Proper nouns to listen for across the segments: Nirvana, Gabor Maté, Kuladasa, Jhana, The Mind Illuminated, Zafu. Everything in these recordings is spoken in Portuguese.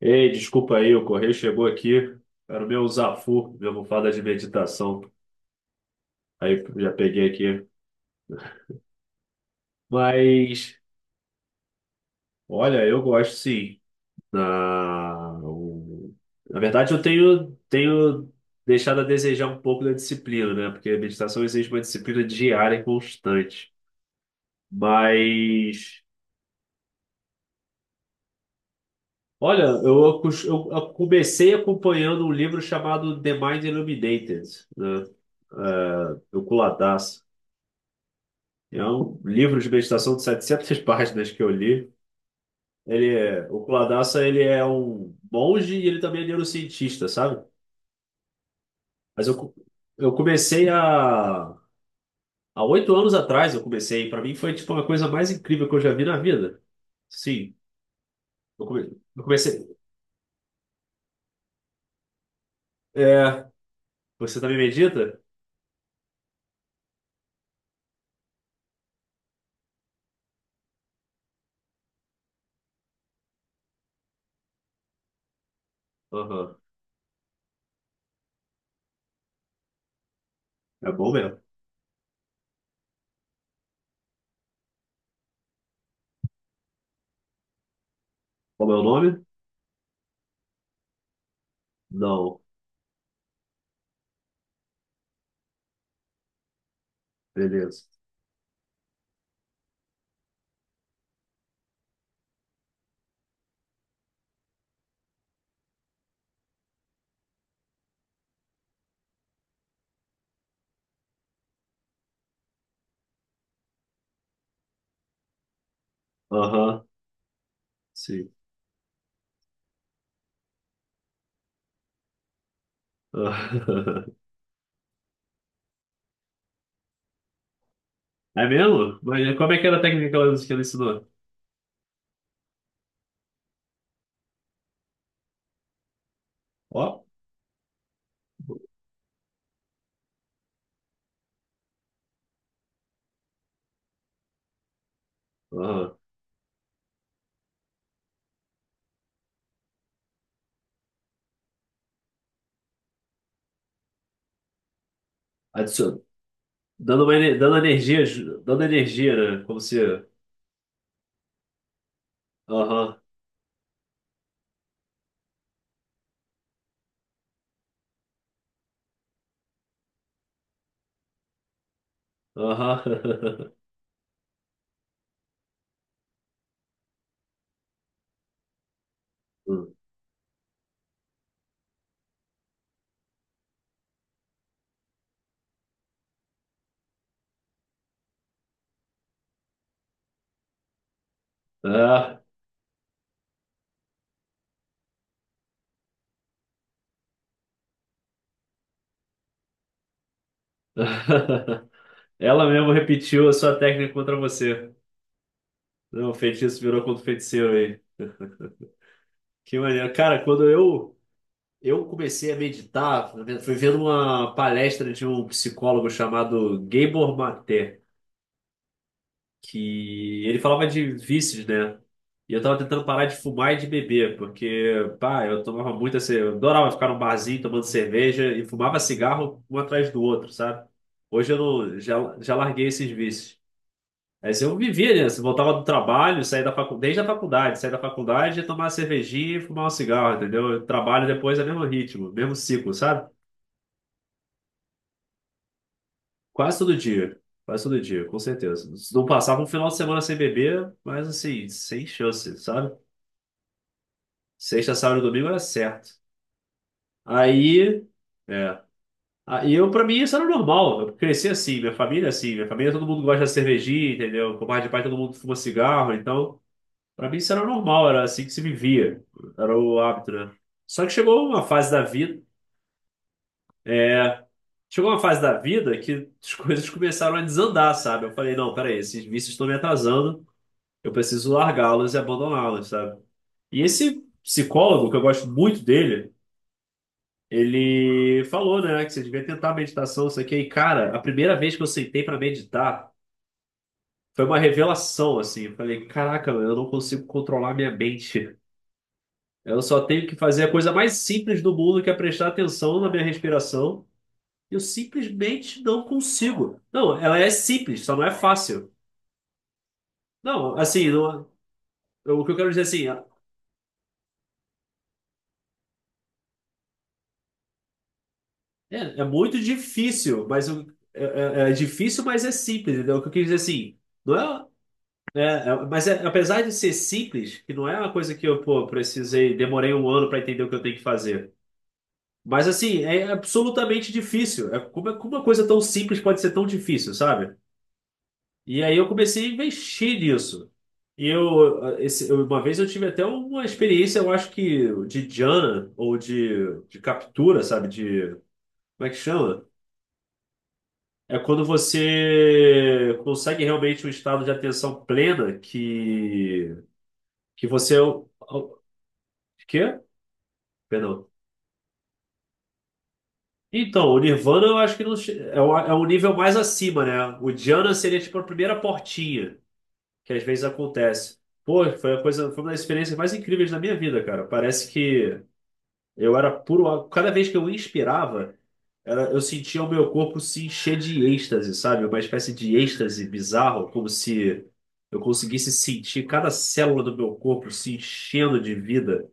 Ei, desculpa aí, o correio chegou aqui. Era o meu Zafu, minha almofada de meditação. Aí já peguei aqui. Mas, olha, eu gosto sim. Na, o- Na verdade, eu tenho, deixado a desejar um pouco da disciplina, né? Porque a meditação exige uma disciplina diária e constante. Mas, olha, eu, eu comecei acompanhando um livro chamado The Mind Illuminated, né? É, do Kuladasa. É um livro de meditação de 700 páginas que eu li. Ele é, o Kuladasa, ele é um monge e ele também é neurocientista, sabe? Mas eu, co- eu comecei a... Há 8 anos atrás eu comecei. Para mim foi tipo uma coisa mais incrível que eu já vi na vida. Sim, eu comecei... É, você também medita? Aham. É bom mesmo. Como é o nome? Não. Beleza. Aham. Sim. Aham. É mesmo? Mas como é que era a técnica que ela ensinou? Ó. Aham. Adiciono. Dando uma, dando energia, dando energia, né? Como se. Aham, aham. Hum. Ah. Ela mesmo repetiu a sua técnica contra você. Não, o feitiço virou contra o feiticeiro aí. Que maneiro. Cara, eu comecei a meditar, fui vendo uma palestra de um psicólogo chamado Gabor Maté. Que ele falava de vícios, né? E eu tava tentando parar de fumar e de beber, porque, pá, eu tomava muito assim, eu adorava ficar num barzinho tomando cerveja e fumava cigarro um atrás do outro, sabe? Hoje eu não, já, já larguei esses vícios. Aí assim, eu vivia, né? Assim, voltava do trabalho, saía da faculdade, desde a faculdade, saía da faculdade, ia tomar uma cervejinha e fumar um cigarro, entendeu? Eu trabalho depois é o mesmo ritmo, mesmo ciclo, sabe? Quase todo dia. Quase todo dia, com certeza. Não passava um final de semana sem beber, mas assim, sem chance, sabe? Sexta, sábado e domingo era certo. Aí, é. Aí eu, pra mim, isso era normal. Eu cresci assim, minha família é assim. Minha família, todo mundo gosta de cervejinha, entendeu? Por parte de pai, todo mundo fuma cigarro. Então, pra mim isso era normal, era assim que se vivia. Era o hábito, né? Só que chegou uma fase da vida, é... Chegou uma fase da vida que as coisas começaram a desandar, sabe? Eu falei, não, peraí, esses vícios estão me atrasando. Eu preciso largá-los e abandoná-los, sabe? E esse psicólogo, que eu gosto muito dele... Ele falou, né, que você devia tentar meditação, isso aqui. E, cara, a primeira vez que eu sentei pra meditar foi uma revelação, assim. Eu falei, caraca, eu não consigo controlar minha mente. Eu só tenho que fazer a coisa mais simples do mundo, que é prestar atenção na minha respiração. Eu simplesmente não consigo. Não, ela é simples, só não é fácil. Não, assim, não- é, o que eu quero dizer assim, é, é muito difícil, mas eu- é, é- é difícil, mas é simples, entendeu? O que eu quis dizer assim. Não é, É, é, apesar de ser simples, que não é uma coisa que eu, pô, precisei, demorei um ano para entender o que eu tenho que fazer. Mas assim, é absolutamente difícil. Como uma coisa tão simples pode ser tão difícil, sabe? E aí eu comecei a investir nisso. E eu, eh, esse- eu- Uma vez eu tive até uma experiência, eu acho que de Jhana, ou de captura, sabe? De, como é que chama? É quando você consegue realmente um estado de atenção plena que você. Quê? Penal. Então, o Nirvana eu acho que não che- é o, é o nível mais acima, né? O Diana seria tipo a primeira portinha que às vezes acontece. Pô, foi a coisa, Foi uma das experiências mais incríveis da minha vida, cara. Parece que eu era puro. Cada vez que eu inspirava, eu sentia o meu corpo se encher de êxtase, sabe? Uma espécie de êxtase bizarro, como se eu conseguisse sentir cada célula do meu corpo se enchendo de vida.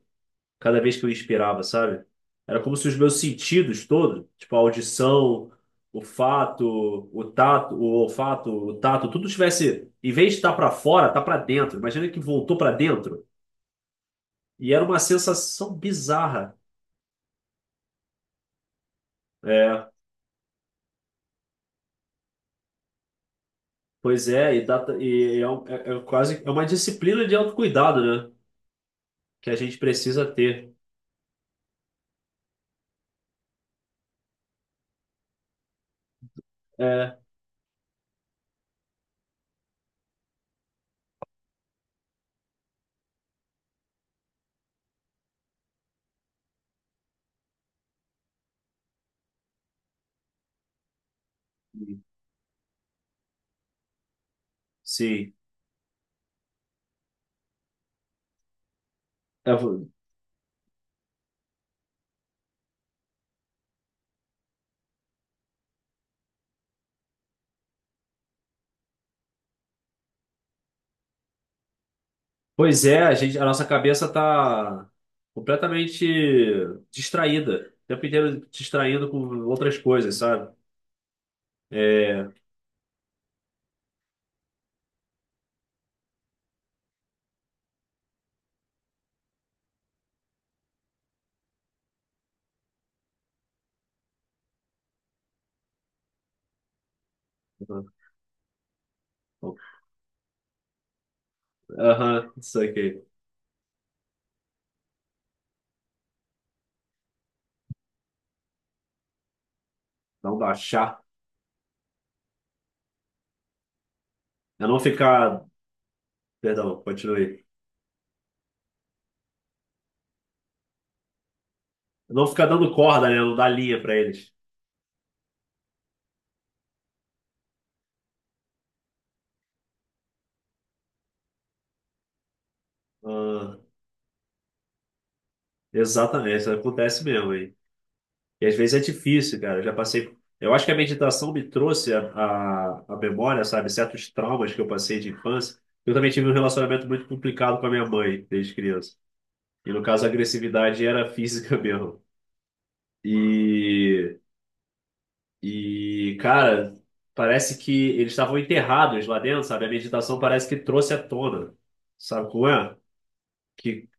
Cada vez que eu inspirava, sabe? Era como se os meus sentidos todos, tipo a audição, o fato, o tato, o olfato, o tato, tudo tivesse, em vez de estar para fora, tá para dentro. Imagina que voltou para dentro. E era uma sensação bizarra. É, Pois é, é quase é uma disciplina de autocuidado, né? Que a gente precisa ter. É, sim. É, pois é, a gente, a nossa cabeça está completamente distraída, o tempo inteiro distraindo com outras coisas, sabe? É, aham, isso aqui, não baixar, é não ficar, perdão, continue, é não ficar dando corda, né, não dar linha pra eles. Ah, exatamente, isso acontece mesmo. E às vezes é difícil, cara. Eu já passei. Eu acho que a meditação me trouxe a memória, sabe? Certos traumas que eu passei de infância. Eu também tive um relacionamento muito complicado com a minha mãe desde criança. E no caso, a agressividade era física mesmo. E, e cara, parece que eles estavam enterrados lá dentro, sabe? A meditação parece que trouxe à tona. Sabe como é? Que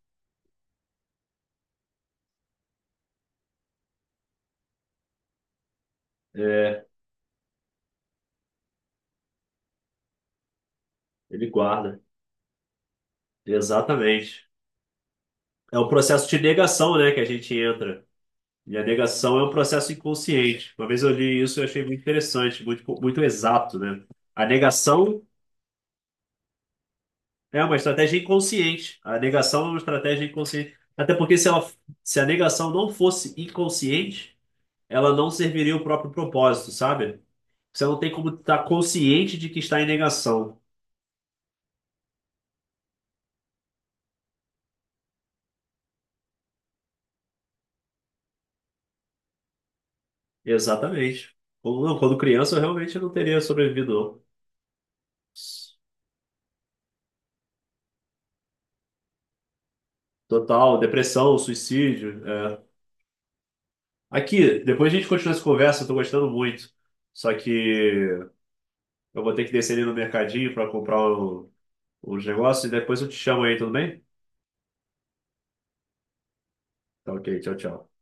é ele guarda. Exatamente. É um processo de negação, né, que a gente entra. E a negação é um processo inconsciente. Uma vez eu li isso e achei muito interessante, muito, muito exato, né? A negação é uma estratégia inconsciente. A negação é uma estratégia inconsciente. Até porque se ela, se a negação não fosse inconsciente, ela não serviria o próprio propósito, sabe? Você não tem como estar consciente de que está em negação. Exatamente. Quando, não, quando criança, eu realmente não teria sobrevivido. Não. Total, depressão, suicídio. É, aqui, depois a gente continua essa conversa, eu tô gostando muito. Só que eu vou ter que descer ali no mercadinho para comprar os negócios e depois eu te chamo aí, tudo bem? Tá ok, tchau, tchau.